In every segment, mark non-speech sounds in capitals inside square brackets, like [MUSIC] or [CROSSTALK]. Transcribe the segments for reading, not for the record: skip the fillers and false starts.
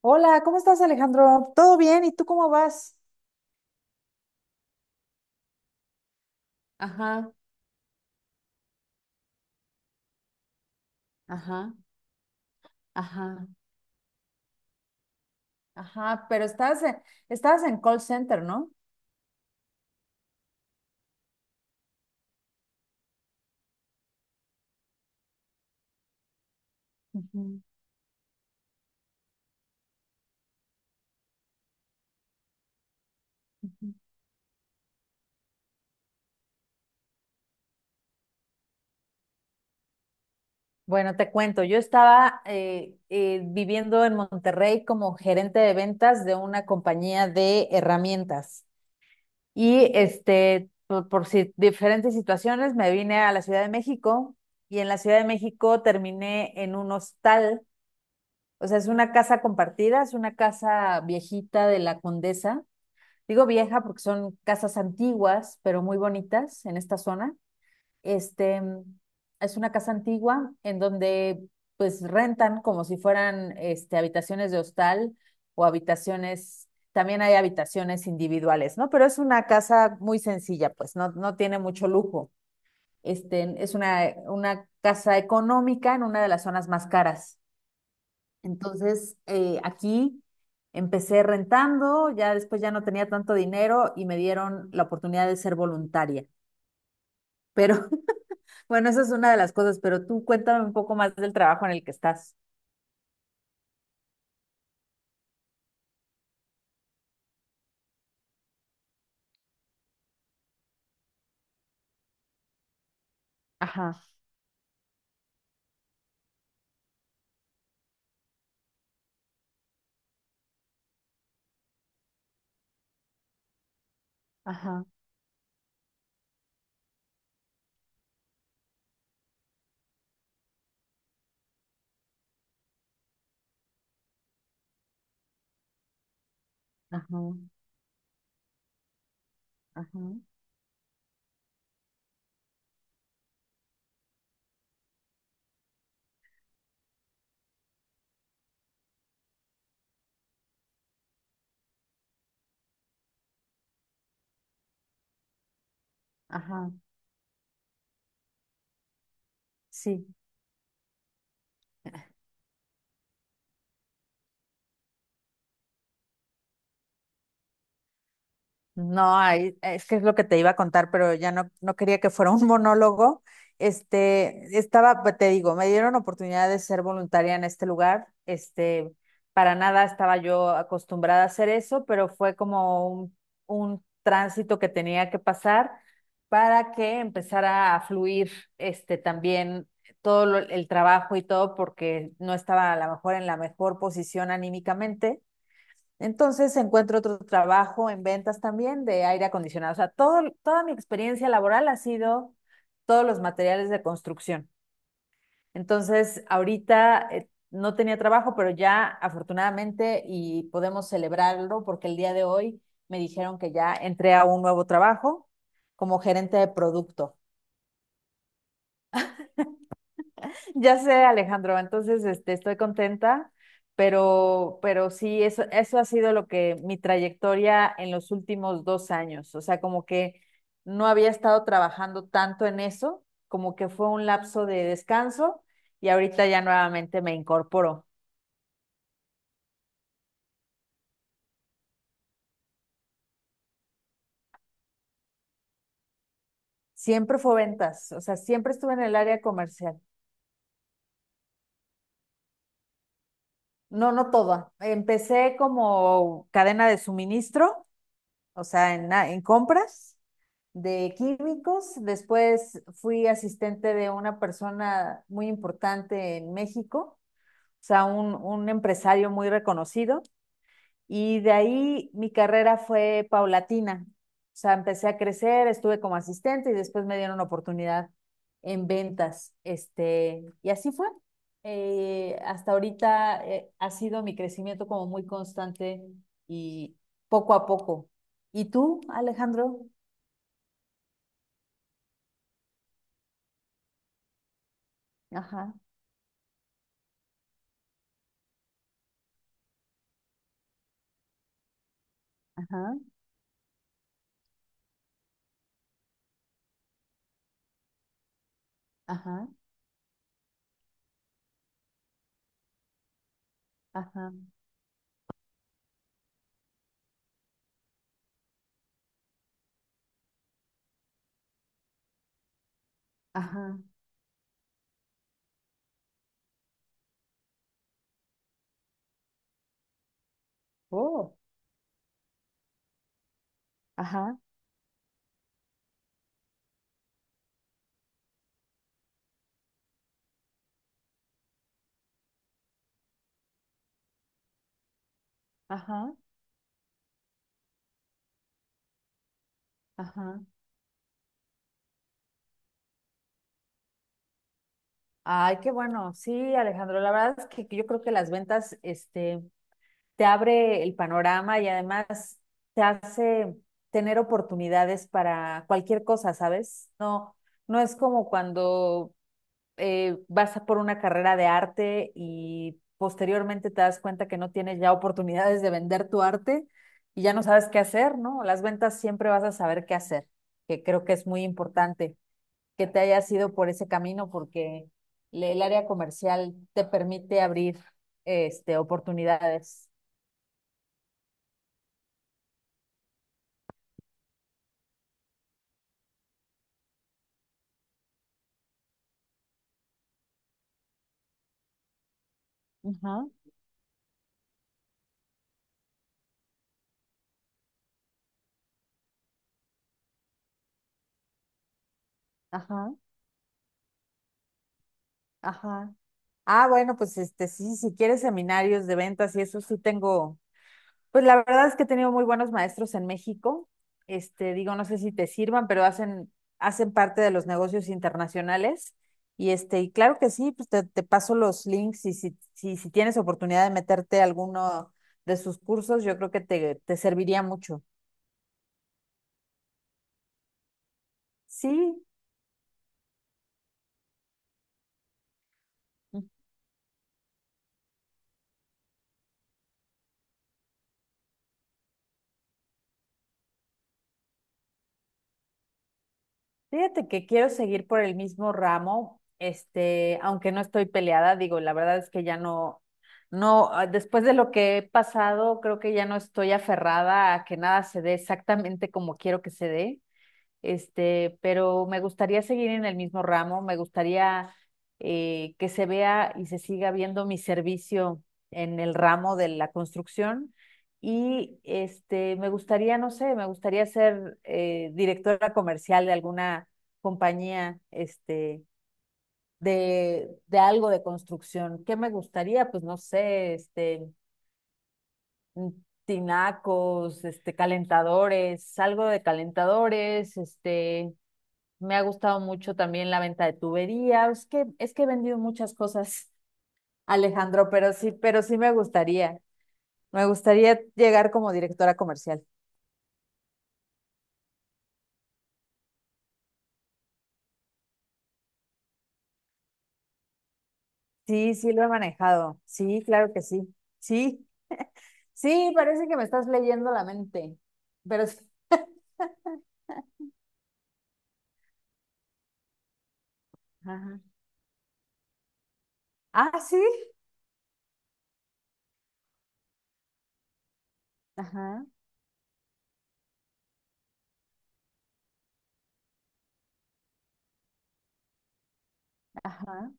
Hola, ¿cómo estás, Alejandro? ¿Todo bien? ¿Y tú cómo vas? Ajá, ajá, ajá, ajá, pero estabas en call center, ¿no? Ujú, ujú. Bueno, te cuento, yo estaba viviendo en Monterrey como gerente de ventas de una compañía de herramientas. Y este, por diferentes situaciones, me vine a la Ciudad de México y en la Ciudad de México terminé en un hostal. O sea, es una casa compartida, es una casa viejita de la condesa. Digo vieja porque son casas antiguas, pero muy bonitas en esta zona. Este, es una casa antigua en donde pues rentan como si fueran este, habitaciones de hostal o habitaciones, también hay habitaciones individuales, ¿no? Pero es una casa muy sencilla, pues no, no tiene mucho lujo. Este, es una casa económica en una de las zonas más caras entonces, aquí empecé rentando, ya después ya no tenía tanto dinero y me dieron la oportunidad de ser voluntaria. Pero [LAUGHS] bueno, esa es una de las cosas, pero tú cuéntame un poco más del trabajo en el que estás. Ajá, ajá, ajá, ajá, ajá. Sí. No, ay, es que es lo que te iba a contar, pero ya no, no quería que fuera un [LAUGHS] monólogo. Este, estaba, pues, te digo, me dieron oportunidad de ser voluntaria en este lugar. Este, para nada estaba yo acostumbrada a hacer eso, pero fue como un tránsito que tenía que pasar para que empezara a fluir, este, también el trabajo y todo, porque no estaba a lo mejor en la mejor posición anímicamente. Entonces encuentro otro trabajo en ventas también de aire acondicionado. O sea, toda mi experiencia laboral ha sido todos los materiales de construcción. Entonces, ahorita no tenía trabajo, pero ya afortunadamente y podemos celebrarlo porque el día de hoy me dijeron que ya entré a un nuevo trabajo como gerente de producto. Ya sé, Alejandro, entonces este, estoy contenta, pero sí, eso ha sido lo que mi trayectoria en los últimos dos años, o sea, como que no había estado trabajando tanto en eso, como que fue un lapso de descanso y ahorita ya nuevamente me incorporo. Siempre fue ventas, o sea, siempre estuve en el área comercial. No, no toda. Empecé como cadena de suministro, o sea, en compras de químicos, después fui asistente de una persona muy importante en México, o sea, un empresario muy reconocido, y de ahí mi carrera fue paulatina, o sea, empecé a crecer, estuve como asistente y después me dieron una oportunidad en ventas, este, y así fue. Hasta ahorita ha sido mi crecimiento como muy constante y poco a poco. ¿Y tú, Alejandro? Ajá, ajá. Ajá, ajá, ajá. Oh, ajá, ajá, ajá. Ay, qué bueno. Sí, Alejandro, la verdad es que yo creo que las ventas, este, te abre el panorama y además te hace tener oportunidades para cualquier cosa, ¿sabes? No, no es como cuando vas por una carrera de arte y posteriormente te das cuenta que no tienes ya oportunidades de vender tu arte y ya no sabes qué hacer, ¿no? Las ventas siempre vas a saber qué hacer, que creo que es muy importante que te hayas ido por ese camino porque el área comercial te permite abrir este, oportunidades. Ajá, ajá, ajá. Ah, bueno, pues este sí, si quieres seminarios de ventas y eso sí tengo. Pues la verdad es que he tenido muy buenos maestros en México. Este, digo, no sé si te sirvan, hacen parte de los negocios internacionales. Y este, y claro que sí, pues te paso los links y si tienes oportunidad de meterte a alguno de sus cursos, yo creo que te serviría mucho. Sí. Fíjate que quiero seguir por el mismo ramo, este, aunque no estoy peleada, digo, la verdad es que ya no, no, ah, después de lo que he pasado, creo que ya no estoy aferrada a que nada se dé exactamente como quiero que se dé este, pero me gustaría seguir en el mismo ramo, me gustaría que se vea y se siga viendo mi servicio en el ramo de la construcción y este, me gustaría, no sé, me gustaría ser directora comercial de alguna compañía, este, de algo de construcción. ¿Qué me gustaría? Pues no sé, este, tinacos, este, calentadores, algo de calentadores, este, me ha gustado mucho también la venta de tubería. Es que he vendido muchas cosas, Alejandro, pero sí me gustaría. Me gustaría llegar como directora comercial. Sí, sí lo he manejado. Sí, claro que sí. Sí, sí, parece que me estás leyendo la mente. Pero sí. Ajá. Ah, sí. Ajá, ajá.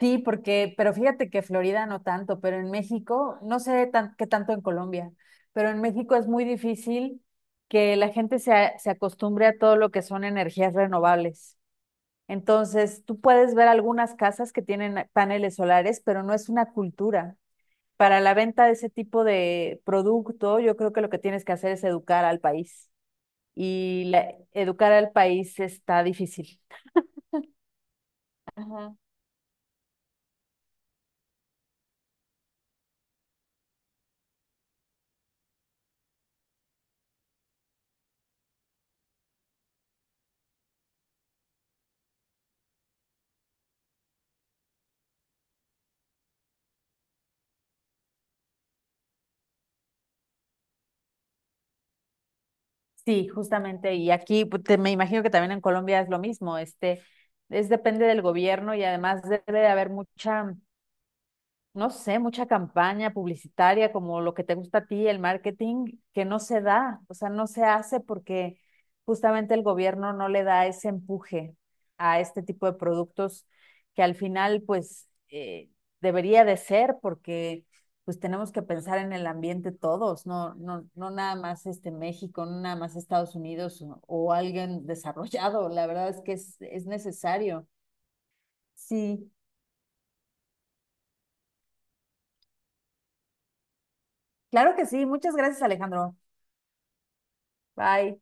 Sí, porque, pero fíjate que Florida no tanto, pero en México, no sé tan- qué tanto en Colombia, pero en México es muy difícil que la gente se acostumbre a todo lo que son energías renovables. Entonces, tú puedes ver algunas casas que tienen paneles solares, pero no es una cultura. Para la venta de ese tipo de producto, yo creo que lo que tienes que hacer es educar al país. Y educar al país está difícil. Sí, justamente. Y aquí me imagino que también en Colombia es lo mismo. Este, es depende del gobierno y además debe de haber mucha, no sé, mucha campaña publicitaria como lo que te gusta a ti, el marketing, que no se da, o sea, no se hace porque justamente el gobierno no le da ese empuje a este tipo de productos que al final, pues, debería de ser porque pues tenemos que pensar en el ambiente todos, no nada más este México, no nada más Estados Unidos o alguien desarrollado, la verdad es que es necesario. Sí, claro que sí, muchas gracias Alejandro. Bye.